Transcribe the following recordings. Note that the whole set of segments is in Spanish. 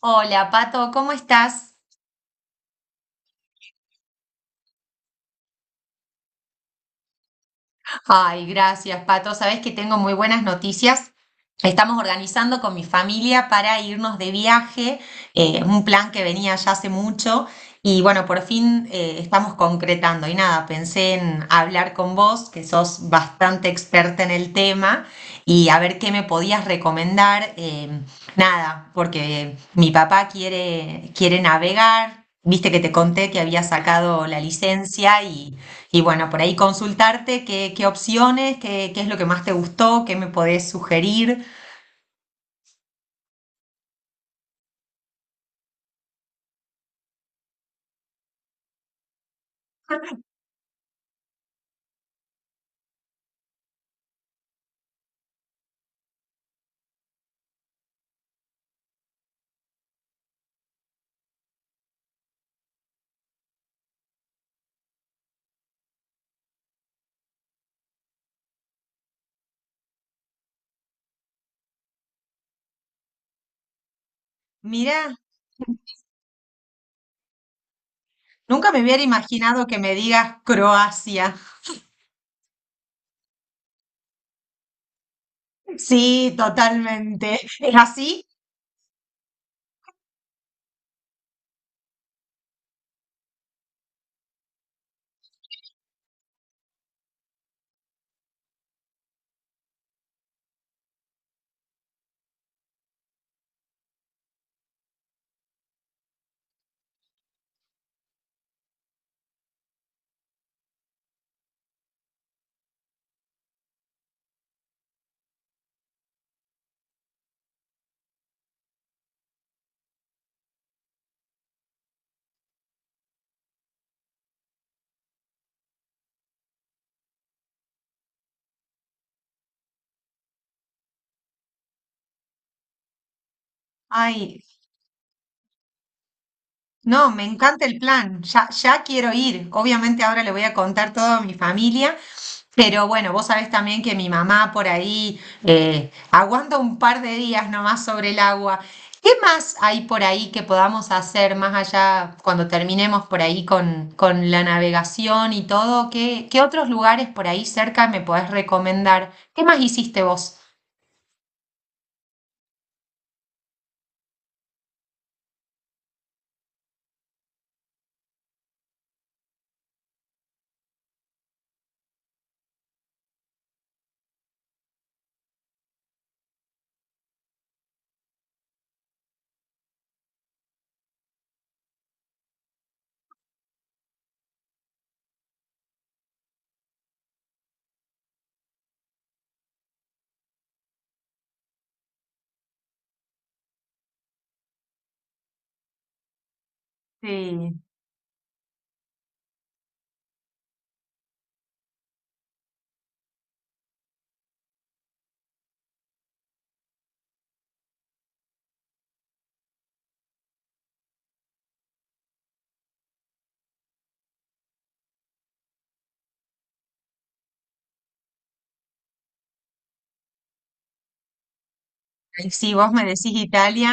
Hola, Pato, ¿cómo estás? Ay, gracias, Pato. Sabes que tengo muy buenas noticias. Estamos organizando con mi familia para irnos de viaje, un plan que venía ya hace mucho y bueno, por fin estamos concretando. Y nada, pensé en hablar con vos, que sos bastante experta en el tema, y a ver qué me podías recomendar. Nada, porque mi papá quiere navegar. Viste que te conté que había sacado la licencia y... Y bueno, por ahí consultarte qué opciones, qué es lo que más te gustó, qué me podés sugerir. Mira, nunca me hubiera imaginado que me digas Croacia. Sí, totalmente. ¿Es así? Ay, no, me encanta el plan. Ya quiero ir. Obviamente ahora le voy a contar todo a mi familia. Pero bueno, vos sabés también que mi mamá por ahí aguanta un par de días nomás sobre el agua. ¿Qué más hay por ahí que podamos hacer más allá cuando terminemos por ahí con la navegación y todo? ¿Qué, qué otros lugares por ahí cerca me podés recomendar? ¿Qué más hiciste vos? Sí. Si vos me decís Italia,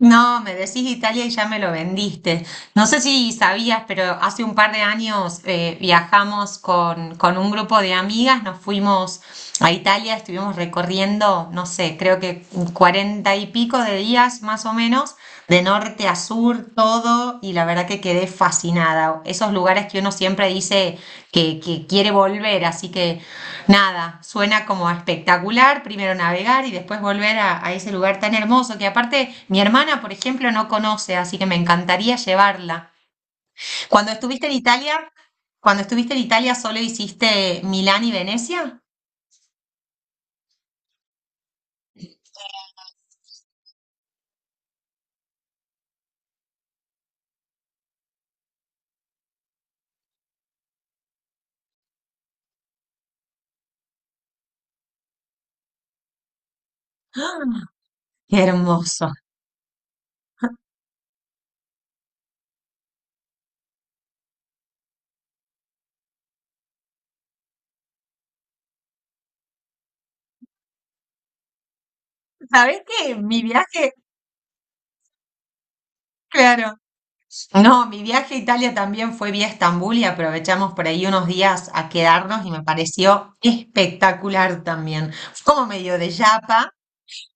no, me decís Italia y ya me lo vendiste. No sé si sabías, pero hace un par de años viajamos con un grupo de amigas, nos fuimos a Italia, estuvimos recorriendo, no sé, creo que cuarenta y pico de días más o menos, de norte a sur, todo, y la verdad que quedé fascinada. Esos lugares que uno siempre dice que quiere volver, así que nada, suena como espectacular, primero navegar y después volver a ese lugar tan hermoso que aparte mi hermana, por ejemplo, no conoce, así que me encantaría llevarla. Cuando estuviste en Italia, cuando estuviste en Italia solo hiciste Milán y Venecia. ¡Ah! ¡Qué hermoso! ¿Sabés qué? Mi viaje, claro. No, mi viaje a Italia también fue vía Estambul y aprovechamos por ahí unos días a quedarnos y me pareció espectacular también. Fue como medio de yapa.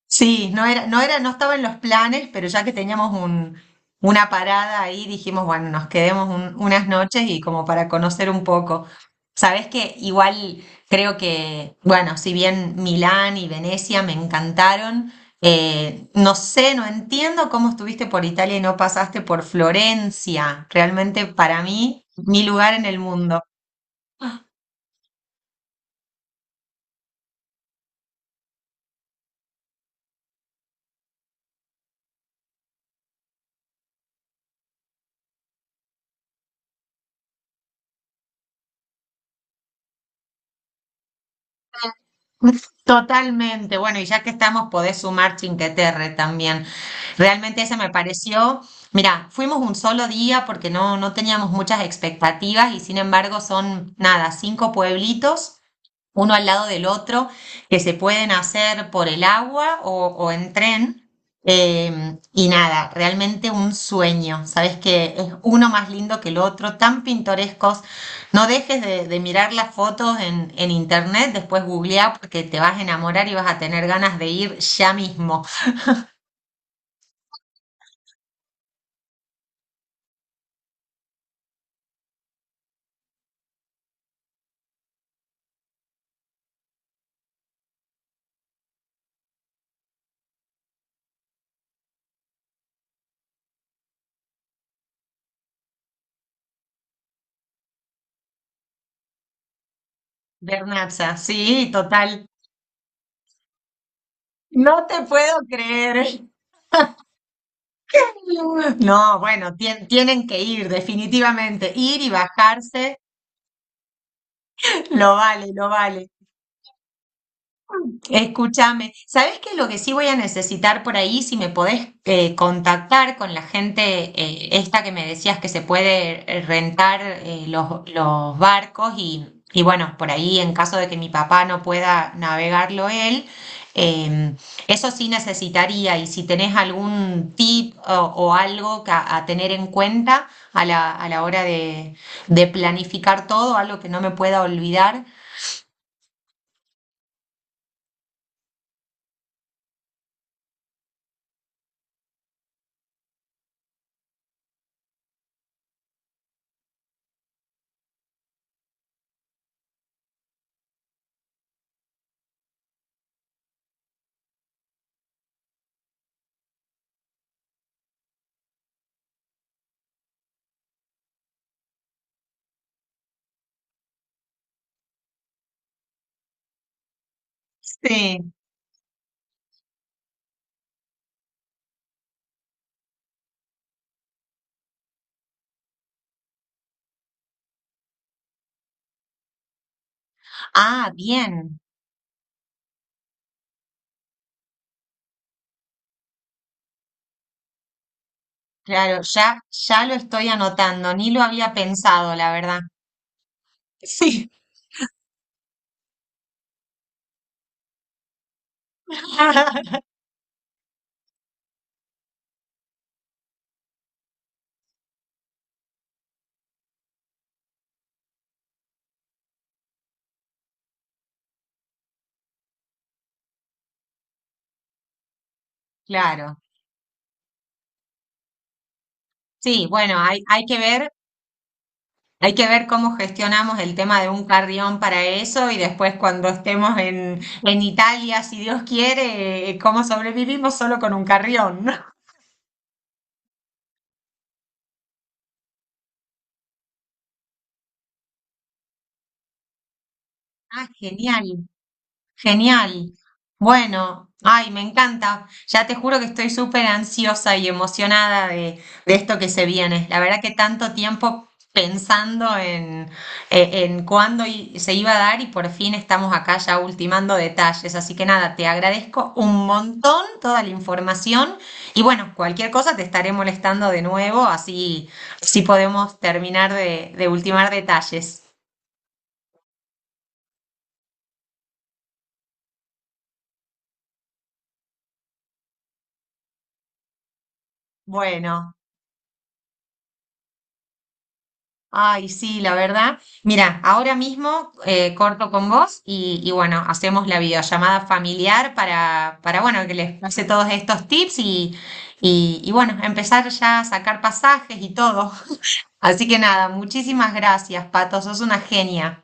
Sí, no era, no estaba en los planes, pero ya que teníamos un, una parada ahí, dijimos, bueno, nos quedemos unas noches y como para conocer un poco. Sabes que igual creo que, bueno, si bien Milán y Venecia me encantaron, no sé, no entiendo cómo estuviste por Italia y no pasaste por Florencia. Realmente para mí, mi lugar en el mundo. Totalmente. Bueno, y ya que estamos, podés sumar Chinqueterre también. Realmente ese me pareció. Mira, fuimos un solo día porque no teníamos muchas expectativas y sin embargo son, nada, cinco pueblitos uno al lado del otro, que se pueden hacer por el agua o en tren. Y nada, realmente un sueño, sabes que es uno más lindo que el otro, tan pintorescos. No dejes de mirar las fotos en internet, después googlea porque te vas a enamorar y vas a tener ganas de ir ya mismo. Bernacha, sí, total. No te puedo creer. No, bueno, tienen que ir, definitivamente. Ir y bajarse, lo vale, lo vale. Escúchame, ¿sabes qué? Lo que sí voy a necesitar por ahí, si me podés contactar con la gente esta que me decías que se puede rentar los barcos y bueno, por ahí en caso de que mi papá no pueda navegarlo él, eh, eso sí necesitaría y si tenés algún tip o algo que a tener en cuenta a la hora de planificar todo, algo que no me pueda olvidar. Sí. Ah, bien. Claro, ya lo estoy anotando, ni lo había pensado, la verdad. Sí. Claro. Sí, bueno, hay que ver cómo gestionamos el tema de un carrión para eso y después cuando estemos en Italia, si Dios quiere, cómo sobrevivimos solo con un carrión, ¿no? Ah, genial. Genial. Bueno, ay, me encanta. Ya te juro que estoy súper ansiosa y emocionada de esto que se viene. La verdad que tanto tiempo pensando en, en cuándo se iba a dar y por fin estamos acá ya ultimando detalles. Así que nada, te agradezco un montón toda la información y bueno, cualquier cosa te estaré molestando de nuevo, así, así podemos terminar de ultimar detalles. Bueno. Ay, sí, la verdad. Mira, ahora mismo corto con vos y bueno, hacemos la videollamada familiar para bueno, que les pase todos estos tips y, y bueno, empezar ya a sacar pasajes y todo. Así que nada, muchísimas gracias, Pato, sos una genia.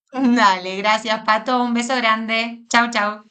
Dale, gracias, Pato, un beso grande. Chau, chau.